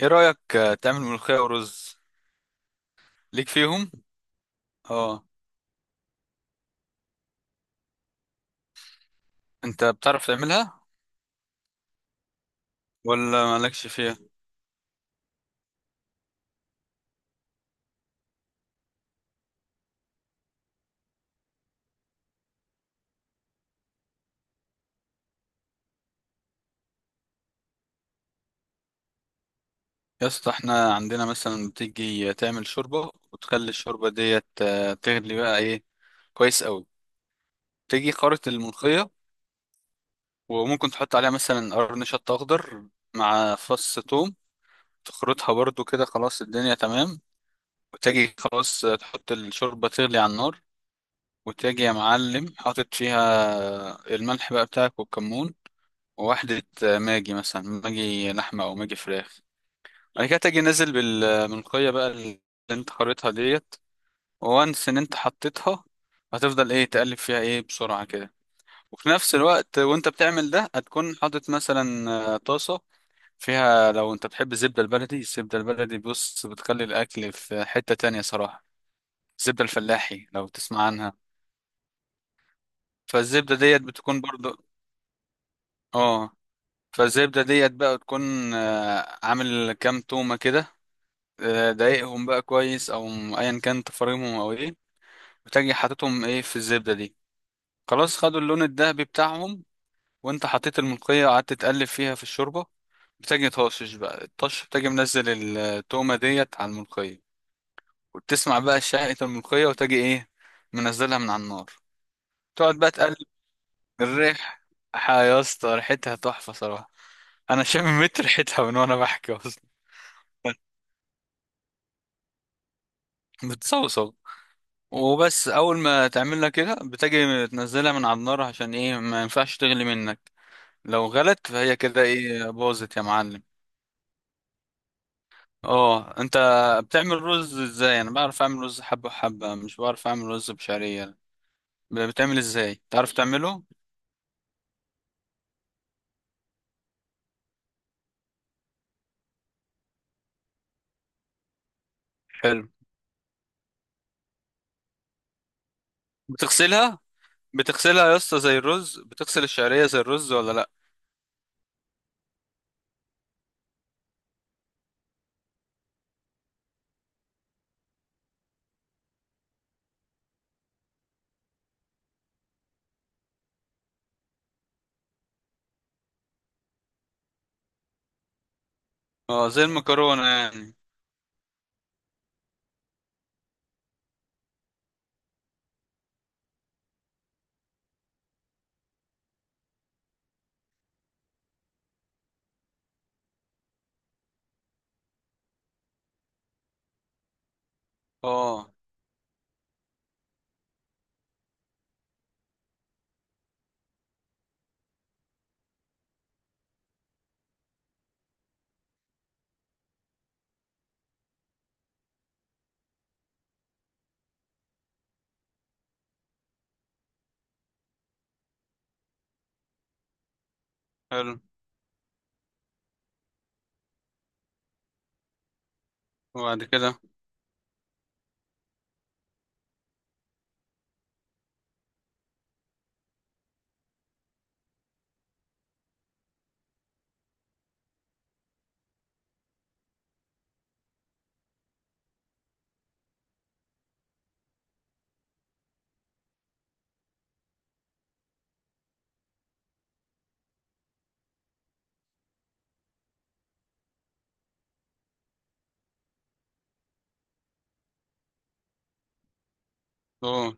ايه رأيك، تعمل ملوخية ورز؟ ليك فيهم؟ اه، انت بتعرف تعملها ولا مالكش فيها؟ يا اسطى احنا عندنا مثلا بتيجي تعمل شوربة وتخلي الشوربة ديت تغلي بقى ايه، كويس قوي. تيجي خرط الملوخية، وممكن تحط عليها مثلا قرن شط اخضر مع فص ثوم، تخرطها برضو كده، خلاص الدنيا تمام. وتجي خلاص، تحط الشوربة تغلي على النار، وتجي يا معلم حاطط فيها الملح بقى بتاعك والكمون، واحدة ماجي، مثلا ماجي لحمة أو ماجي فراخ. بعد كده تجي نازل بالملقية بقى اللي أنت خريطها ديت، وانس إن أنت حطيتها، هتفضل إيه تقلب فيها إيه بسرعة كده. وفي نفس الوقت وأنت بتعمل ده، هتكون حاطط مثلا طاسة فيها، لو أنت بتحب الزبدة البلدي. الزبدة البلدي بص بتخلي الأكل في حتة تانية صراحة، الزبدة الفلاحي لو تسمع عنها. فالزبدة ديت بتكون برضو. اه. فالزبدة ديت بقى تكون عامل كام تومة كده، ضايقهم بقى كويس او ايا كان تفاريمهم او ايه، بتجي حاططهم ايه في الزبدة دي، خلاص خدوا اللون الذهبي بتاعهم. وانت حطيت الملقية وقعدت تقلب فيها في الشوربة، بتجي طاشش بقى الطش، بتجي منزل التومة ديت على الملقية، وتسمع بقى شهقة الملقية وتجي ايه منزلها من على النار. تقعد بقى تقلب الريح، يا اسطى ريحتها تحفة صراحة، انا شامم متر ريحتها من وانا بحكي اصلا. بتصوصو. وبس اول ما تعملها كده، بتجي تنزلها من على النار عشان ايه، ما ينفعش تغلي منك، لو غلت فهي كده ايه، باظت يا معلم. اه. انت بتعمل رز ازاي؟ انا بعرف اعمل رز حبة حبة، مش بعرف اعمل رز بشعرية. بتعمل ازاي، تعرف تعمله؟ حلو. بتغسلها بتغسلها يا اسطى، زي الرز بتغسل الشعرية زي الرز ولا لا؟ اه، زي المكرونة يعني. اه. حلو، وبعد كده؟ اه.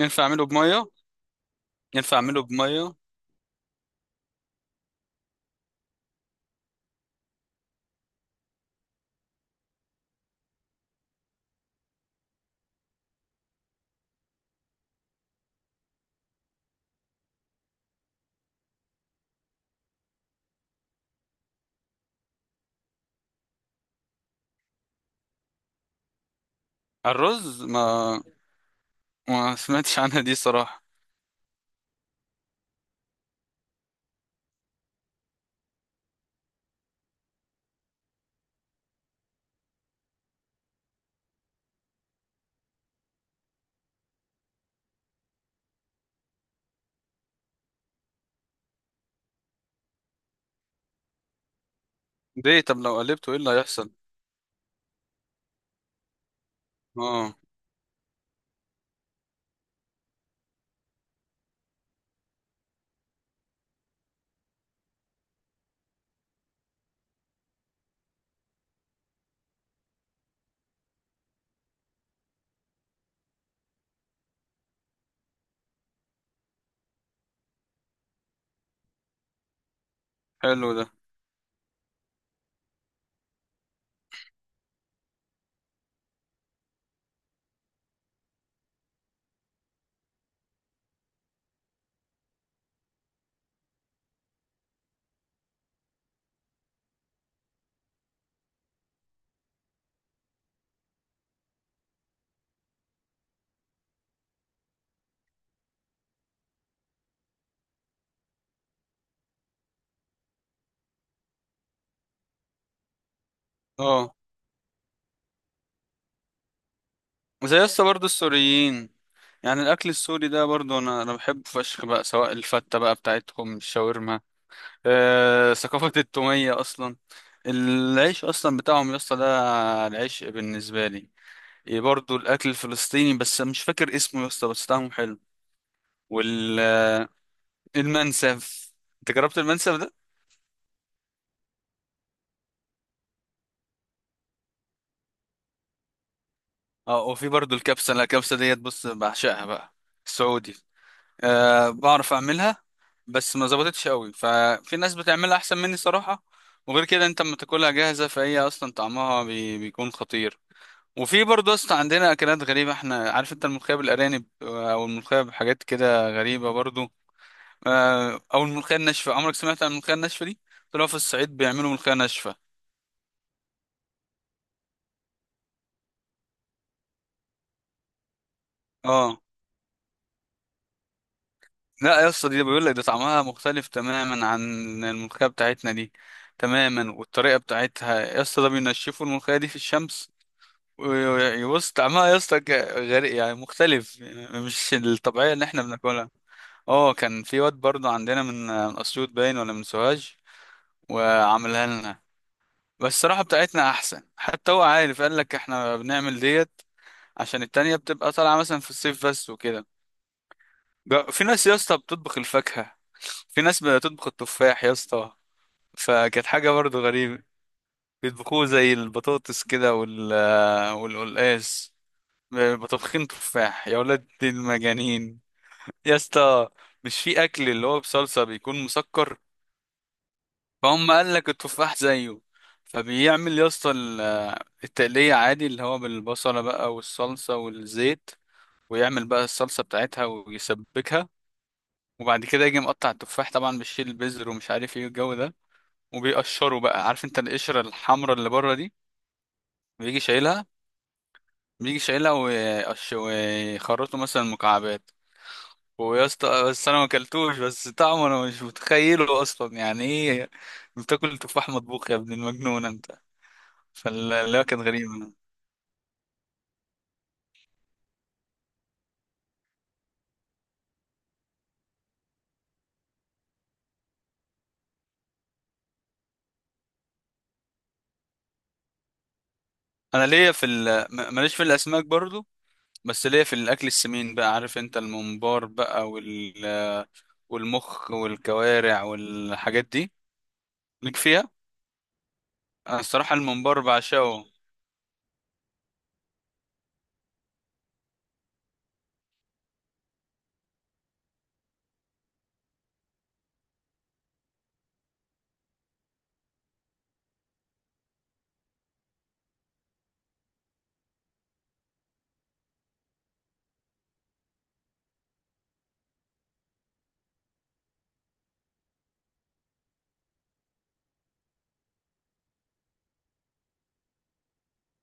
ينفع اعمله بمية؟ ينفع اعمله بمية؟ على الرز، ما. ما سمعتش عنها دي صراحة. ليه؟ طب لو قلبته ايه اللي هيحصل؟ اه، حلو ده. اه. وزي لسه برضو السوريين، يعني الاكل السوري ده برضو انا بحبه فشخ بقى، سواء الفتة بقى بتاعتهم، الشاورما، آه، ثقافة التومية اصلا، العيش اصلا بتاعهم يا اسطى ده، العيش بالنسبة لي. إيه، برضو الاكل الفلسطيني، بس مش فاكر اسمه يا اسطى بس طعمه حلو. والمنسف، انت جربت المنسف ده؟ اه. وفي برضو الكبسة، لا الكبسة ديت بص بعشقها بقى، السعودي. أه، بعرف اعملها، بس ما ظبطتش قوي، ففي ناس بتعملها احسن مني صراحة. وغير كده انت لما تاكلها جاهزة فهي اصلا طعمها بيكون خطير. وفي برضه اصلا عندنا اكلات غريبة احنا، عارف انت الملوخية بالارانب، او الملوخية بحاجات كده غريبة برضه، او الملوخية الناشفة. عمرك سمعت عن الملوخية الناشفة دي؟ طلعوا في الصعيد بيعملوا ملوخية ناشفة. اه. لا يا اسطى، دي بيقول لك ده طعمها مختلف تماما عن الملوخية بتاعتنا دي تماما، والطريقة بتاعتها يا اسطى ده بينشفوا الملوخية دي في الشمس. يعني بص، طعمها يا اسطى غريب يعني، مختلف يعني، مش الطبيعية اللي احنا بناكلها. اه، كان في واد برضو عندنا من اسيوط باين ولا من سوهاج وعملها لنا، بس الصراحة بتاعتنا احسن، حتى هو عارف، قال لك احنا بنعمل ديت عشان التانية بتبقى طالعة مثلا في الصيف بس وكده. في ناس يا اسطى بتطبخ الفاكهة، في ناس بتطبخ التفاح يا اسطى، فكانت حاجة برضو غريبة. بيطبخوه زي البطاطس كده والقلقاس. بطبخين تفاح يا ولاد المجانين؟ يا اسطى، مش في اكل اللي هو بصلصه بيكون مسكر؟ فهم قال لك التفاح زيه، فبيعمل يا اسطى التقليه عادي، اللي هو بالبصله بقى والصلصه والزيت، ويعمل بقى الصلصه بتاعتها ويسبكها. وبعد كده يجي مقطع التفاح، طبعا بيشيل البذر ومش عارف ايه الجو ده، وبيقشره بقى، عارف انت القشره الحمراء اللي بره دي؟ بيجي شايلها بيجي شايلها ويخرطه مثلا مكعبات. ويا اسطى، بس انا ما اكلتوش، بس طعمه انا مش متخيله اصلا يعني ايه، بتاكل تفاح مطبوخ يا ابن المجنون انت؟ فلا، كانت غريبه. انا ليا في ماليش في الاسماك برضو، بس ليا في الاكل السمين بقى، عارف انت الممبار بقى والمخ والكوارع والحاجات دي، ليك فيها؟ انا الصراحه الممبار بعشقه.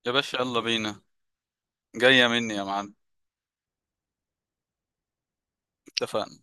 يا باشا يلا بينا، جايه مني يا معلم. اتفقنا.